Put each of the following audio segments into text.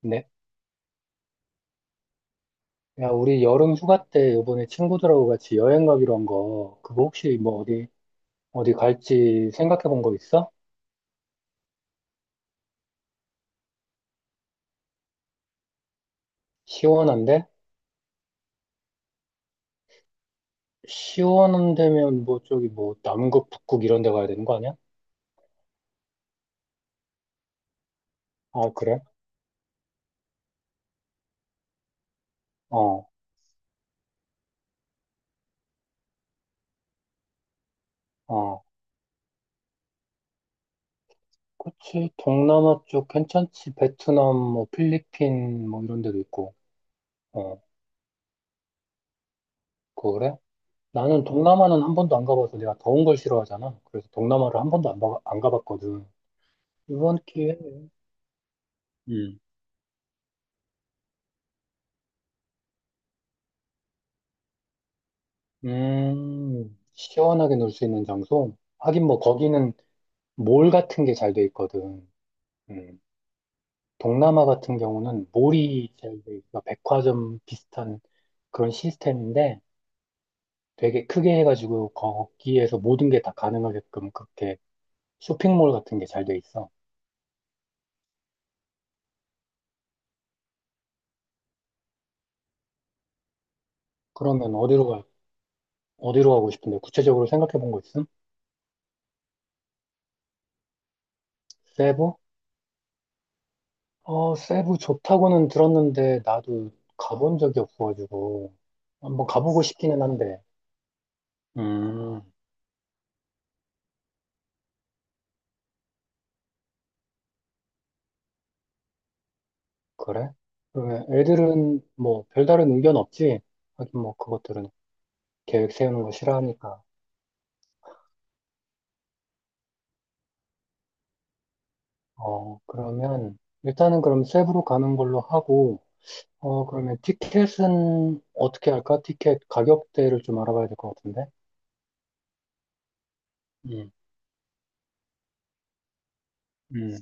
네. 야, 우리 여름 휴가 때 이번에 친구들하고 같이 여행 가기로 한 거, 그거 혹시 뭐 어디, 어디 갈지 생각해 본 거 있어? 시원한데? 시원한 데면 뭐 저기 뭐 남극, 북극 이런 데 가야 되는 거 아니야? 아, 그래? 어, 어. 그치. 동남아 쪽 괜찮지. 베트남, 뭐 필리핀 뭐 이런 데도 있고. 어, 그래? 나는 동남아는 한 번도 안 가봐서 내가 더운 걸 싫어하잖아. 그래서 동남아를 한 번도 안 가봤거든. 이번 기회에. 시원하게 놀 수 있는 장소? 하긴 뭐 거기는 몰 같은 게 잘 돼 있거든. 음, 동남아 같은 경우는 몰이 잘 돼 있어. 백화점 비슷한 그런 시스템인데 되게 크게 해가지고 거기에서 모든 게 다 가능하게끔 그렇게 쇼핑몰 같은 게 잘 돼 있어. 그러면 어디로 가고 싶은데 구체적으로 생각해 본 거 있음? 세부? 어, 세부 좋다고는 들었는데 나도 가본 적이 없어가지고 한번 가보고 싶기는 한데. 음, 그래? 그러면 애들은 뭐 별다른 의견 없지? 하긴 뭐 그것들은 계획 세우는 거 싫어하니까. 어, 그러면 일단은 그럼 세부로 가는 걸로 하고, 어, 그러면 티켓은 어떻게 할까? 티켓 가격대를 좀 알아봐야 될 것 같은데? 음. 음.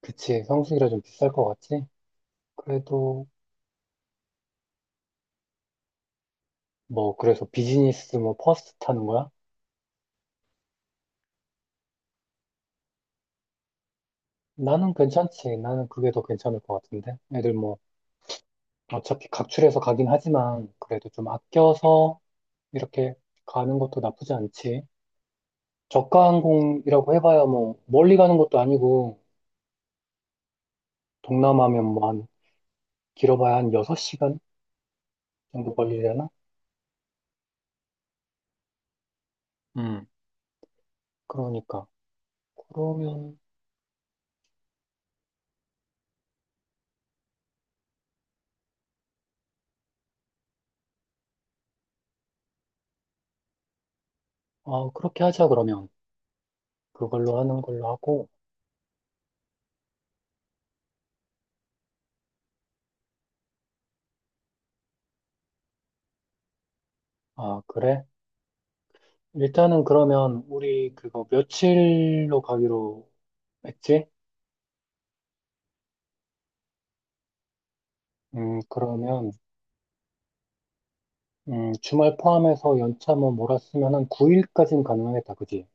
그치. 성수기라 좀 비쌀 것 같지? 그래도 뭐 그래서 비즈니스 뭐 퍼스트 타는 거야? 나는 괜찮지. 나는 그게 더 괜찮을 것 같은데? 애들 뭐 어차피 각출해서 가긴 하지만 그래도 좀 아껴서 이렇게 가는 것도 나쁘지 않지. 저가 항공이라고 해봐야 뭐 멀리 가는 것도 아니고 동남아면 뭐 한 길어봐야 한 6시간 정도 걸리려나? 음. 그러니까 그러면. 아, 그렇게 하자. 그러면 그걸로 하는 걸로 하고. 아, 그래? 일단은 그러면 우리 그거 며칠로 가기로 했지? 그러면 주말 포함해서 연차 뭐 몰았으면 한 9일까지는 가능하겠다, 그지?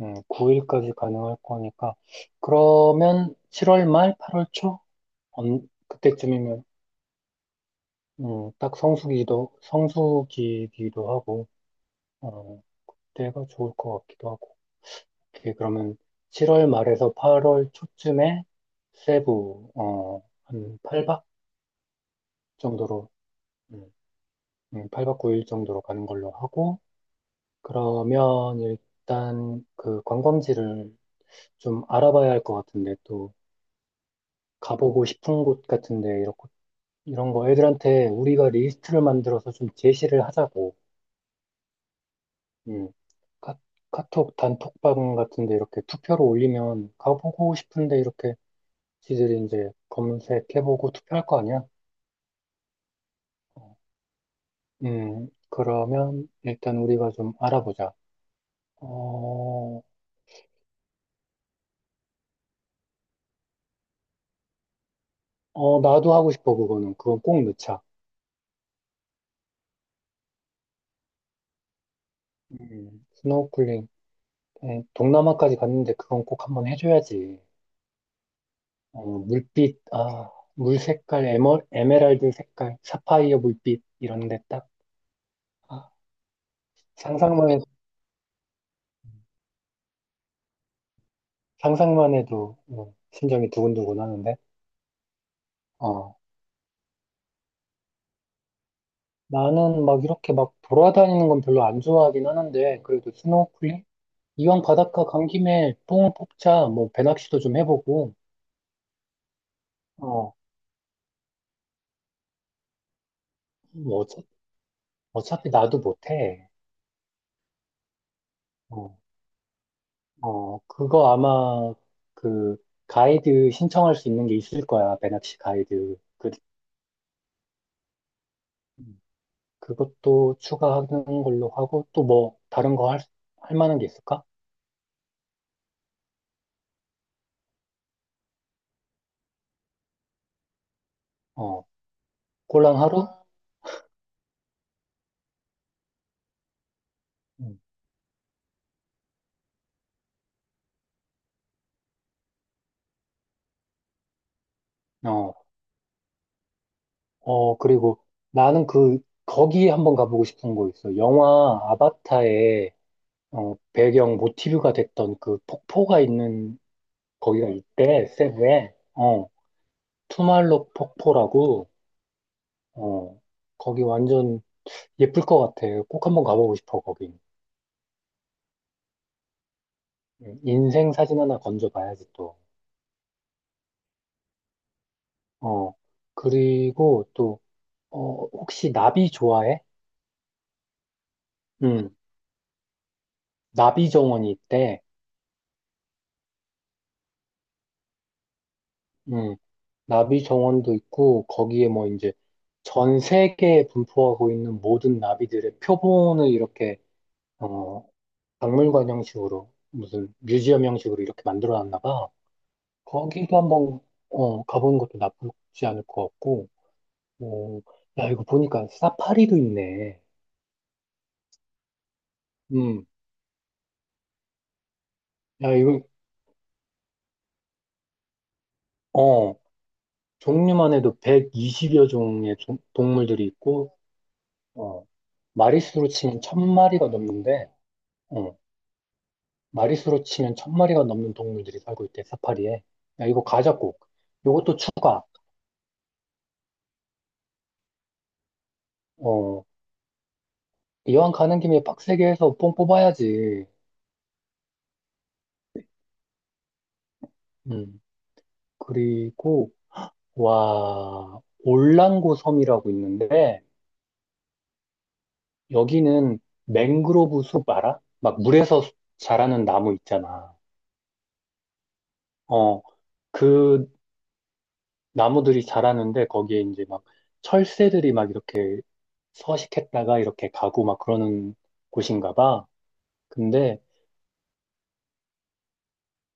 9일까지 가능할 거니까. 그러면 7월 말, 8월 초? 그때쯤이면, 딱 성수기기도 하고, 어, 때가 좋을 것 같기도 하고. 오케이, 그러면 7월 말에서 8월 초쯤에 세부, 한 8박 정도로, 음, 8박 9일 정도로 가는 걸로 하고, 그러면 일단 그 관광지를 좀 알아봐야 할 것 같은데, 또, 가보고 싶은 곳 같은데, 이렇게 이런 거 애들한테 우리가 리스트를 만들어서 좀 제시를 하자고. 음. 카, 카톡 단톡방 같은데 이렇게 투표로 올리면 가보고 싶은데 이렇게 지들이 이제 검색해보고 투표할 거 아니야? 어, 그러면 일단 우리가 좀 알아보자. 어, 어, 나도 하고 싶어, 그거는. 그건 꼭 넣자. 스노우클링. 동남아까지 갔는데 그건 꼭 한번 해줘야지. 물빛, 물 색깔, 에메랄드 색깔, 사파이어 물빛, 이런데 딱. 아, 상상만, 해- 상상만 해도 심장이 두근두근 하는데, 어, 나는 막 이렇게 막 돌아다니는 건 별로 안 좋아하긴 하는데, 그래도 스노클링? 이왕 바닷가 간 김에 뽕을 뽑자, 뭐, 배낚시도 좀 해보고, 어, 뭐 어차, 어차피 나도 못해. 어, 어, 그거 아마, 그, 가이드 신청할 수 있는 게 있을 거야, 배낚시 가이드. 그것도 추가하는 걸로 하고, 또 뭐, 다른 거 할 만한 게 있을까? 어, 꼴랑 하루? 아. 음, 어, 그리고 나는 그, 거기에 한번 가보고 싶은 거 있어. 영화 아바타의 배경 모티브가 됐던 그 폭포가 있는 거기가 있대, 세부에. 투말로 폭포라고, 어, 거기 완전 예쁠 것 같아. 꼭 한번 가보고 싶어, 거기. 인생 사진 하나 건져봐야지, 또. 어, 그리고 또 혹시 나비 좋아해? 음, 나비 정원이 있대. 음, 나비 정원도 있고, 거기에 뭐 이제 전 세계에 분포하고 있는 모든 나비들의 표본을 이렇게, 어, 박물관 형식으로, 무슨 뮤지엄 형식으로 이렇게 만들어 놨나 봐. 거기도 한번, 가보는 것도 나쁘지 않을 것 같고, 어, 야, 이거 보니까 사파리도 있네. 음, 야, 어, 종류만 해도 120여 종의 동물들이 있고, 어, 마리수로 치면 천 마리가 넘는데, 어, 마리수로 치면 천 마리가 넘는 동물들이 살고 있대, 사파리에. 야, 이거 가자, 꼭. 요것도 추가. 어, 이왕 가는 김에 빡세게 해서 뽕 뽑아야지. 음, 그리고, 와, 올랑고 섬이라고 있는데, 여기는 맹그로브 숲 알아? 막 물에서 자라는 나무 있잖아. 어, 그 나무들이 자라는데, 거기에 이제 막 철새들이 막 이렇게 서식했다가 이렇게 가고 막 그러는 곳인가 봐. 근데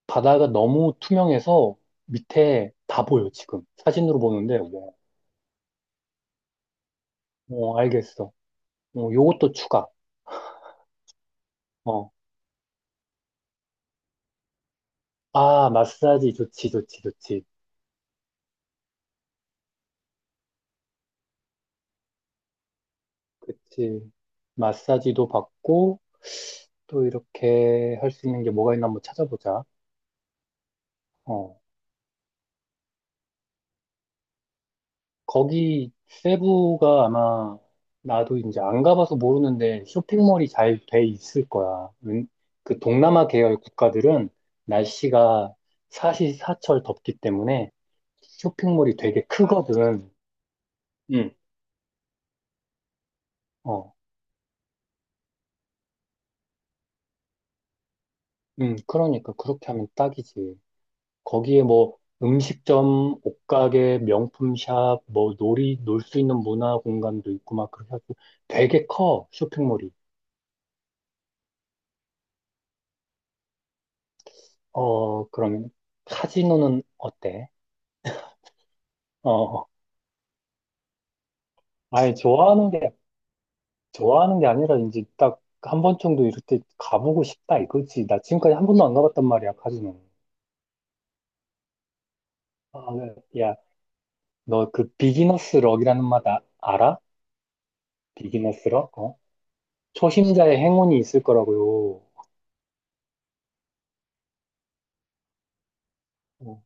바다가 너무 투명해서 밑에 다 보여, 지금. 사진으로 보는데, 와. 어, 알겠어. 어, 요것도 추가. 어, 아, 마사지 좋지, 좋지, 좋지. 그치. 마사지도 받고, 또 이렇게 할 수 있는 게 뭐가 있나 한번 찾아보자. 어. 거기 세부가 아마 나도 이제 안 가봐서 모르는데 쇼핑몰이 잘 돼 있을 거야. 그 동남아 계열 국가들은 날씨가 사시사철 덥기 때문에 쇼핑몰이 되게 크거든. 응. 어, 그러니까 그렇게 하면 딱이지. 거기에 뭐 음식점, 옷가게, 명품샵, 뭐 놀 수 있는 문화 공간도 있고 막 그렇게 해서 되게 커, 쇼핑몰이. 어, 그러면 카지노는 어때? 어, 아니, 좋아하는 게 아니라 이제 딱 한 번 정도 이렇게 가보고 싶다 이거지. 나 지금까지 한 번도 안 가봤단 말이야, 카지노. 아, 네. 야, 너 그 비기너스 럭이라는 말 알아? 비기너스 럭? 어? 초심자의 행운이 있을 거라고요. 어,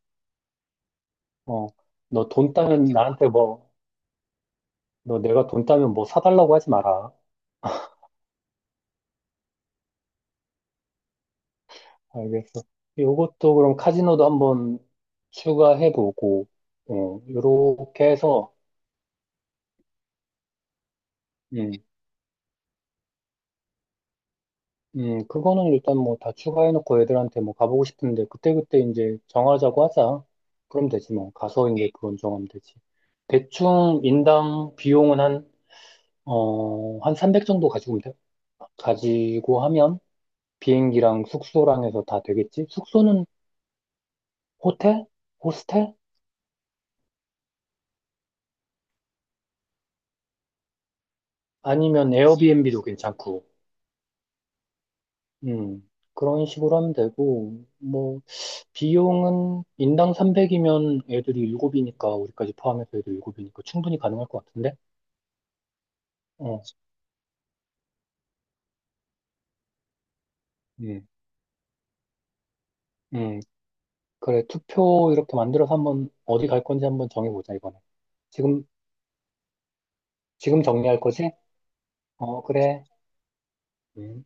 어. 너 돈 따면 나한테 뭐, 너 내가 돈 따면 뭐 사달라고 하지 마라. 알겠어. 요것도 그럼 카지노도 한번 추가해보고, 어, 요렇게 해서, 음, 그거는 일단 뭐 다 추가해놓고 애들한테 뭐 가보고 싶은데, 그때그때 이제 정하자고 하자. 그럼 되지 뭐. 가서 이제 그건 정하면 되지. 대충 인당 비용은 한 300 정도 가지고, 오면 돼? 가지고 하면 비행기랑 숙소랑 해서 다 되겠지? 숙소는 호텔? 호스텔? 아니면 에어비앤비도 괜찮고. 그런 식으로 하면 되고, 뭐, 비용은 인당 300이면 애들이 7이니까, 우리까지 포함해서 애들 7이니까 충분히 가능할 것 같은데? 어, 음, 음, 그래, 투표 이렇게 만들어서 한번 어디 갈 건지 한번 정해보자, 이번에. 지금, 지금 정리할 거지? 어, 그래. 음.